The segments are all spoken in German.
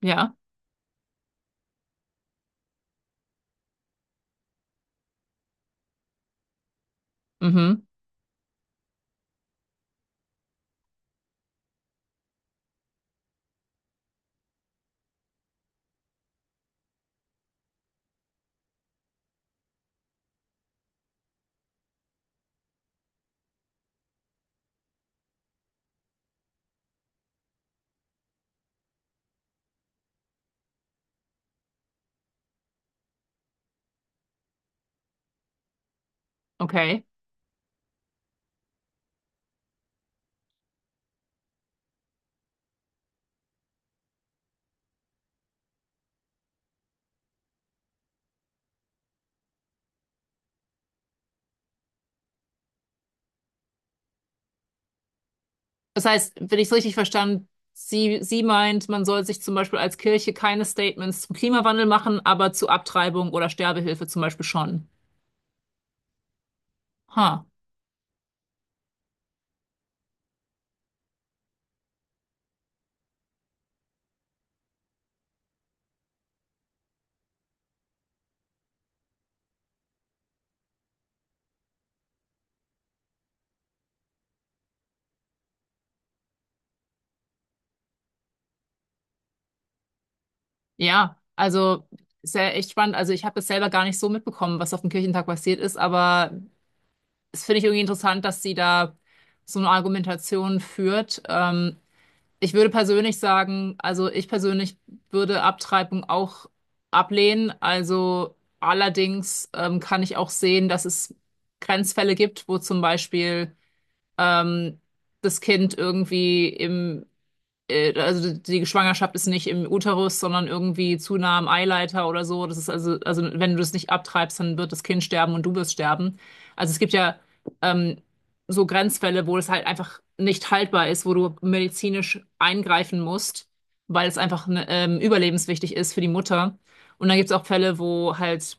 Ja, mhm, okay. Das heißt, wenn ich es richtig verstanden, sie meint, man soll sich zum Beispiel als Kirche keine Statements zum Klimawandel machen, aber zu Abtreibung oder Sterbehilfe zum Beispiel schon. Ha, ja, also ist ja echt spannend. Also ich habe das selber gar nicht so mitbekommen, was auf dem Kirchentag passiert ist, aber es finde ich irgendwie interessant, dass sie da so eine Argumentation führt. Ich würde persönlich sagen, also ich persönlich würde Abtreibung auch ablehnen. Also allerdings kann ich auch sehen, dass es Grenzfälle gibt, wo zum Beispiel ähm, das Kind irgendwie im also die Schwangerschaft ist nicht im Uterus, sondern irgendwie zu nah am Eileiter oder so. Also wenn du es nicht abtreibst, dann wird das Kind sterben und du wirst sterben. Also es gibt ja ähm, so Grenzfälle, wo es halt einfach nicht haltbar ist, wo du medizinisch eingreifen musst, weil es einfach ne, überlebenswichtig ist für die Mutter. Und dann gibt es auch Fälle, wo halt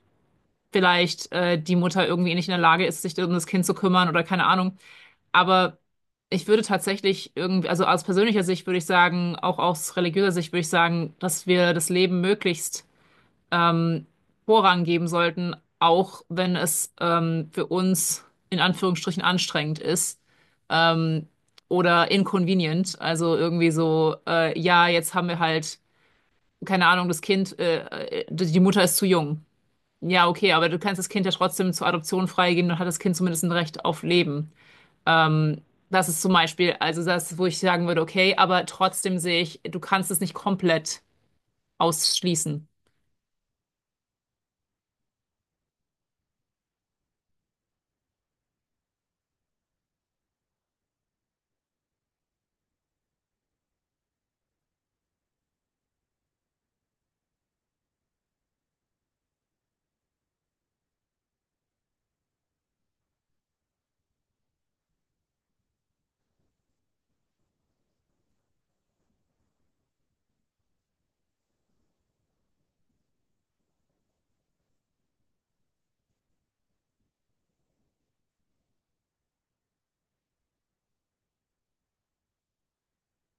vielleicht die Mutter irgendwie nicht in der Lage ist, sich um das Kind zu kümmern oder keine Ahnung. Aber ich würde tatsächlich irgendwie, also aus persönlicher Sicht würde ich sagen, auch aus religiöser Sicht würde ich sagen, dass wir das Leben möglichst ähm, Vorrang geben sollten, auch wenn es für uns in Anführungsstrichen anstrengend ist ähm, oder inconvenient. Also irgendwie so, ja, jetzt haben wir halt, keine Ahnung, das Kind, die Mutter ist zu jung. Ja, okay, aber du kannst das Kind ja trotzdem zur Adoption freigeben, dann hat das Kind zumindest ein Recht auf Leben. Ähm, das ist zum Beispiel, also das, wo ich sagen würde, okay, aber trotzdem sehe ich, du kannst es nicht komplett ausschließen.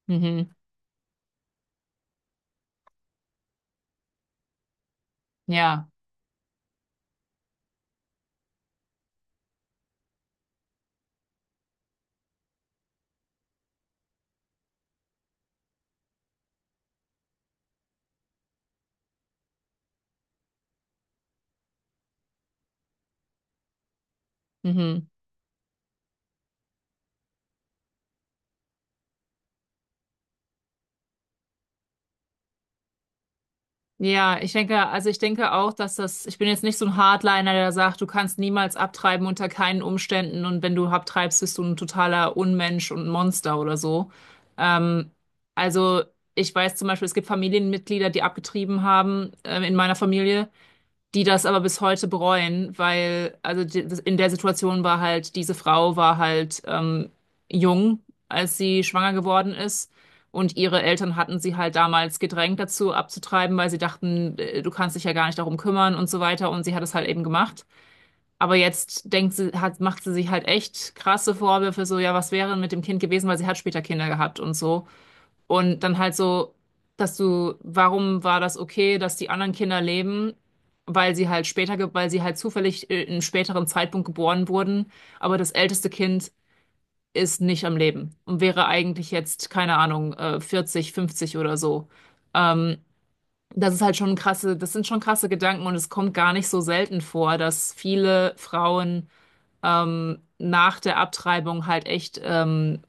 Mhm. Ja. Mhm. Ja, ich denke, also ich denke auch, dass das, ich bin jetzt nicht so ein Hardliner, der sagt, du kannst niemals abtreiben unter keinen Umständen und wenn du abtreibst, bist du ein totaler Unmensch und ein Monster oder so. Ähm, also ich weiß zum Beispiel, es gibt Familienmitglieder, die abgetrieben haben, in meiner Familie. Die das aber bis heute bereuen, weil, also die, in der Situation war halt, diese Frau war halt jung, als sie schwanger geworden ist. Und ihre Eltern hatten sie halt damals gedrängt dazu abzutreiben, weil sie dachten, du kannst dich ja gar nicht darum kümmern und so weiter. Und sie hat es halt eben gemacht. Aber jetzt denkt sie, hat, macht sie sich halt echt krasse Vorwürfe, so, ja, was wäre denn mit dem Kind gewesen, weil sie hat später Kinder gehabt und so. Und dann halt so, dass du, warum war das okay, dass die anderen Kinder leben? Weil sie halt später, weil sie halt zufällig in einem späteren Zeitpunkt geboren wurden, aber das älteste Kind ist nicht am Leben und wäre eigentlich jetzt, keine Ahnung, 40, 50 oder so. Ähm, das ist halt schon krasse, das sind schon krasse Gedanken und es kommt gar nicht so selten vor, dass viele Frauen nach der Abtreibung halt echt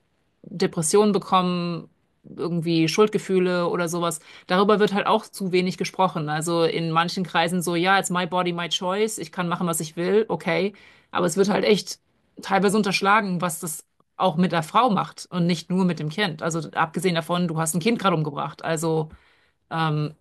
Depressionen bekommen, irgendwie Schuldgefühle oder sowas. Darüber wird halt auch zu wenig gesprochen. Also in manchen Kreisen so, ja, it's my body, my choice, ich kann machen, was ich will, okay. Aber es wird halt echt teilweise unterschlagen, was das auch mit der Frau macht und nicht nur mit dem Kind. Also abgesehen davon, du hast ein Kind gerade umgebracht. Also ähm,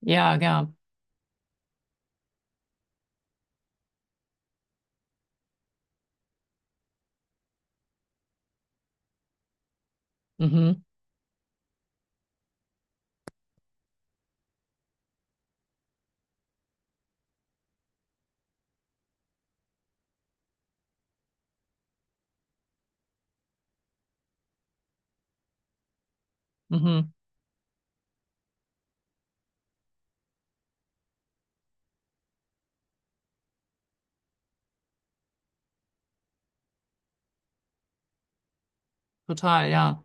ja, ja. Mhm, mhm, total, ja.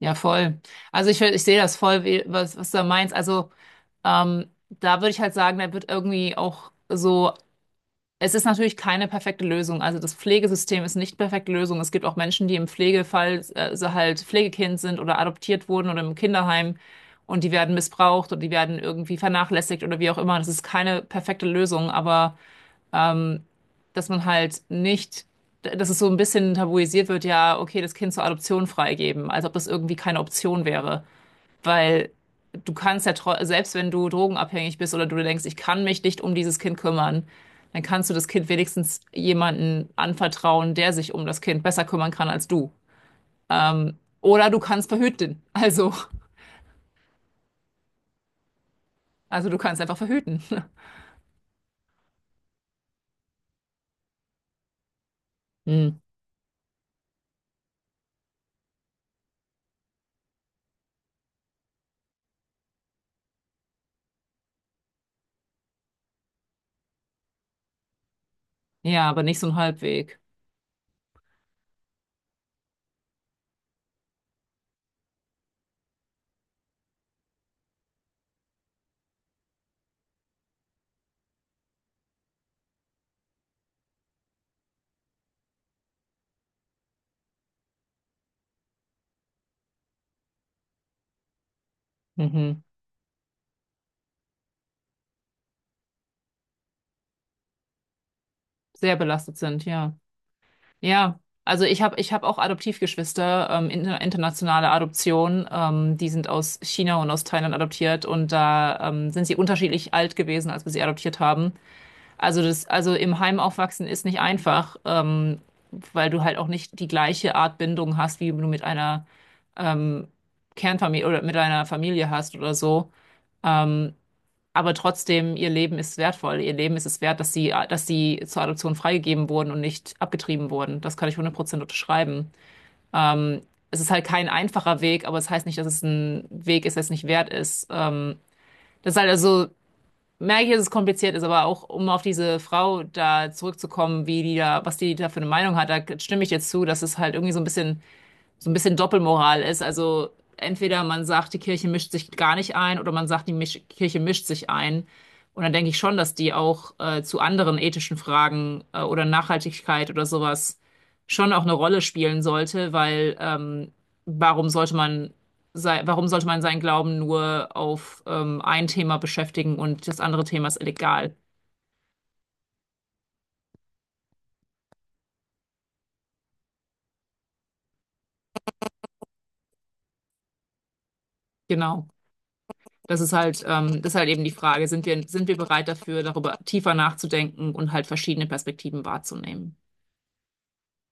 Ja, voll. Also ich sehe das voll, was, was du da meinst. Also da würde ich halt sagen, da wird irgendwie auch so Es ist natürlich keine perfekte Lösung. Also das Pflegesystem ist nicht perfekte Lösung. Es gibt auch Menschen, die im Pflegefall so halt Pflegekind sind oder adoptiert wurden oder im Kinderheim und die werden missbraucht oder die werden irgendwie vernachlässigt oder wie auch immer. Das ist keine perfekte Lösung, aber ähm, dass man halt nicht, dass es so ein bisschen tabuisiert wird, ja, okay, das Kind zur Adoption freigeben, als ob das irgendwie keine Option wäre. Weil du kannst ja, selbst wenn du drogenabhängig bist oder du dir denkst, ich kann mich nicht um dieses Kind kümmern, dann kannst du das Kind wenigstens jemanden anvertrauen, der sich um das Kind besser kümmern kann als du. Oder du kannst verhüten. Also du kannst einfach verhüten. Hm. Ja, aber nicht so ein Halbweg. Mhm. Sehr belastet sind, ja. Ja, also ich hab auch Adoptivgeschwister, internationale Adoption. Die sind aus China und aus Thailand adoptiert und da sind sie unterschiedlich alt gewesen, als wir sie adoptiert haben. Also das, also im Heim aufwachsen ist nicht einfach, weil du halt auch nicht die gleiche Art Bindung hast, wie du mit einer ähm, Kernfamilie oder mit einer Familie hast oder so. Ähm, aber trotzdem, ihr Leben ist wertvoll. Ihr Leben ist es wert, dass dass sie zur Adoption freigegeben wurden und nicht abgetrieben wurden. Das kann ich 100% unterschreiben. Ähm, es ist halt kein einfacher Weg, aber es heißt nicht, dass es ein Weg ist, der es nicht wert ist. Das ist halt also, merke ich, dass es kompliziert ist, aber auch um auf diese Frau da zurückzukommen, wie die da, was die da für eine Meinung hat, da stimme ich jetzt zu, dass es halt irgendwie so ein bisschen Doppelmoral ist. Also entweder man sagt, die Kirche mischt sich gar nicht ein, oder man sagt, die Misch Kirche mischt sich ein. Und dann denke ich schon, dass die auch zu anderen ethischen Fragen, oder Nachhaltigkeit oder sowas schon auch eine Rolle spielen sollte, weil warum sollte warum sollte man seinen Glauben nur auf ein Thema beschäftigen und das andere Thema ist illegal? Genau. Das ist halt eben die Frage, sind wir bereit dafür, darüber tiefer nachzudenken und halt verschiedene Perspektiven wahrzunehmen?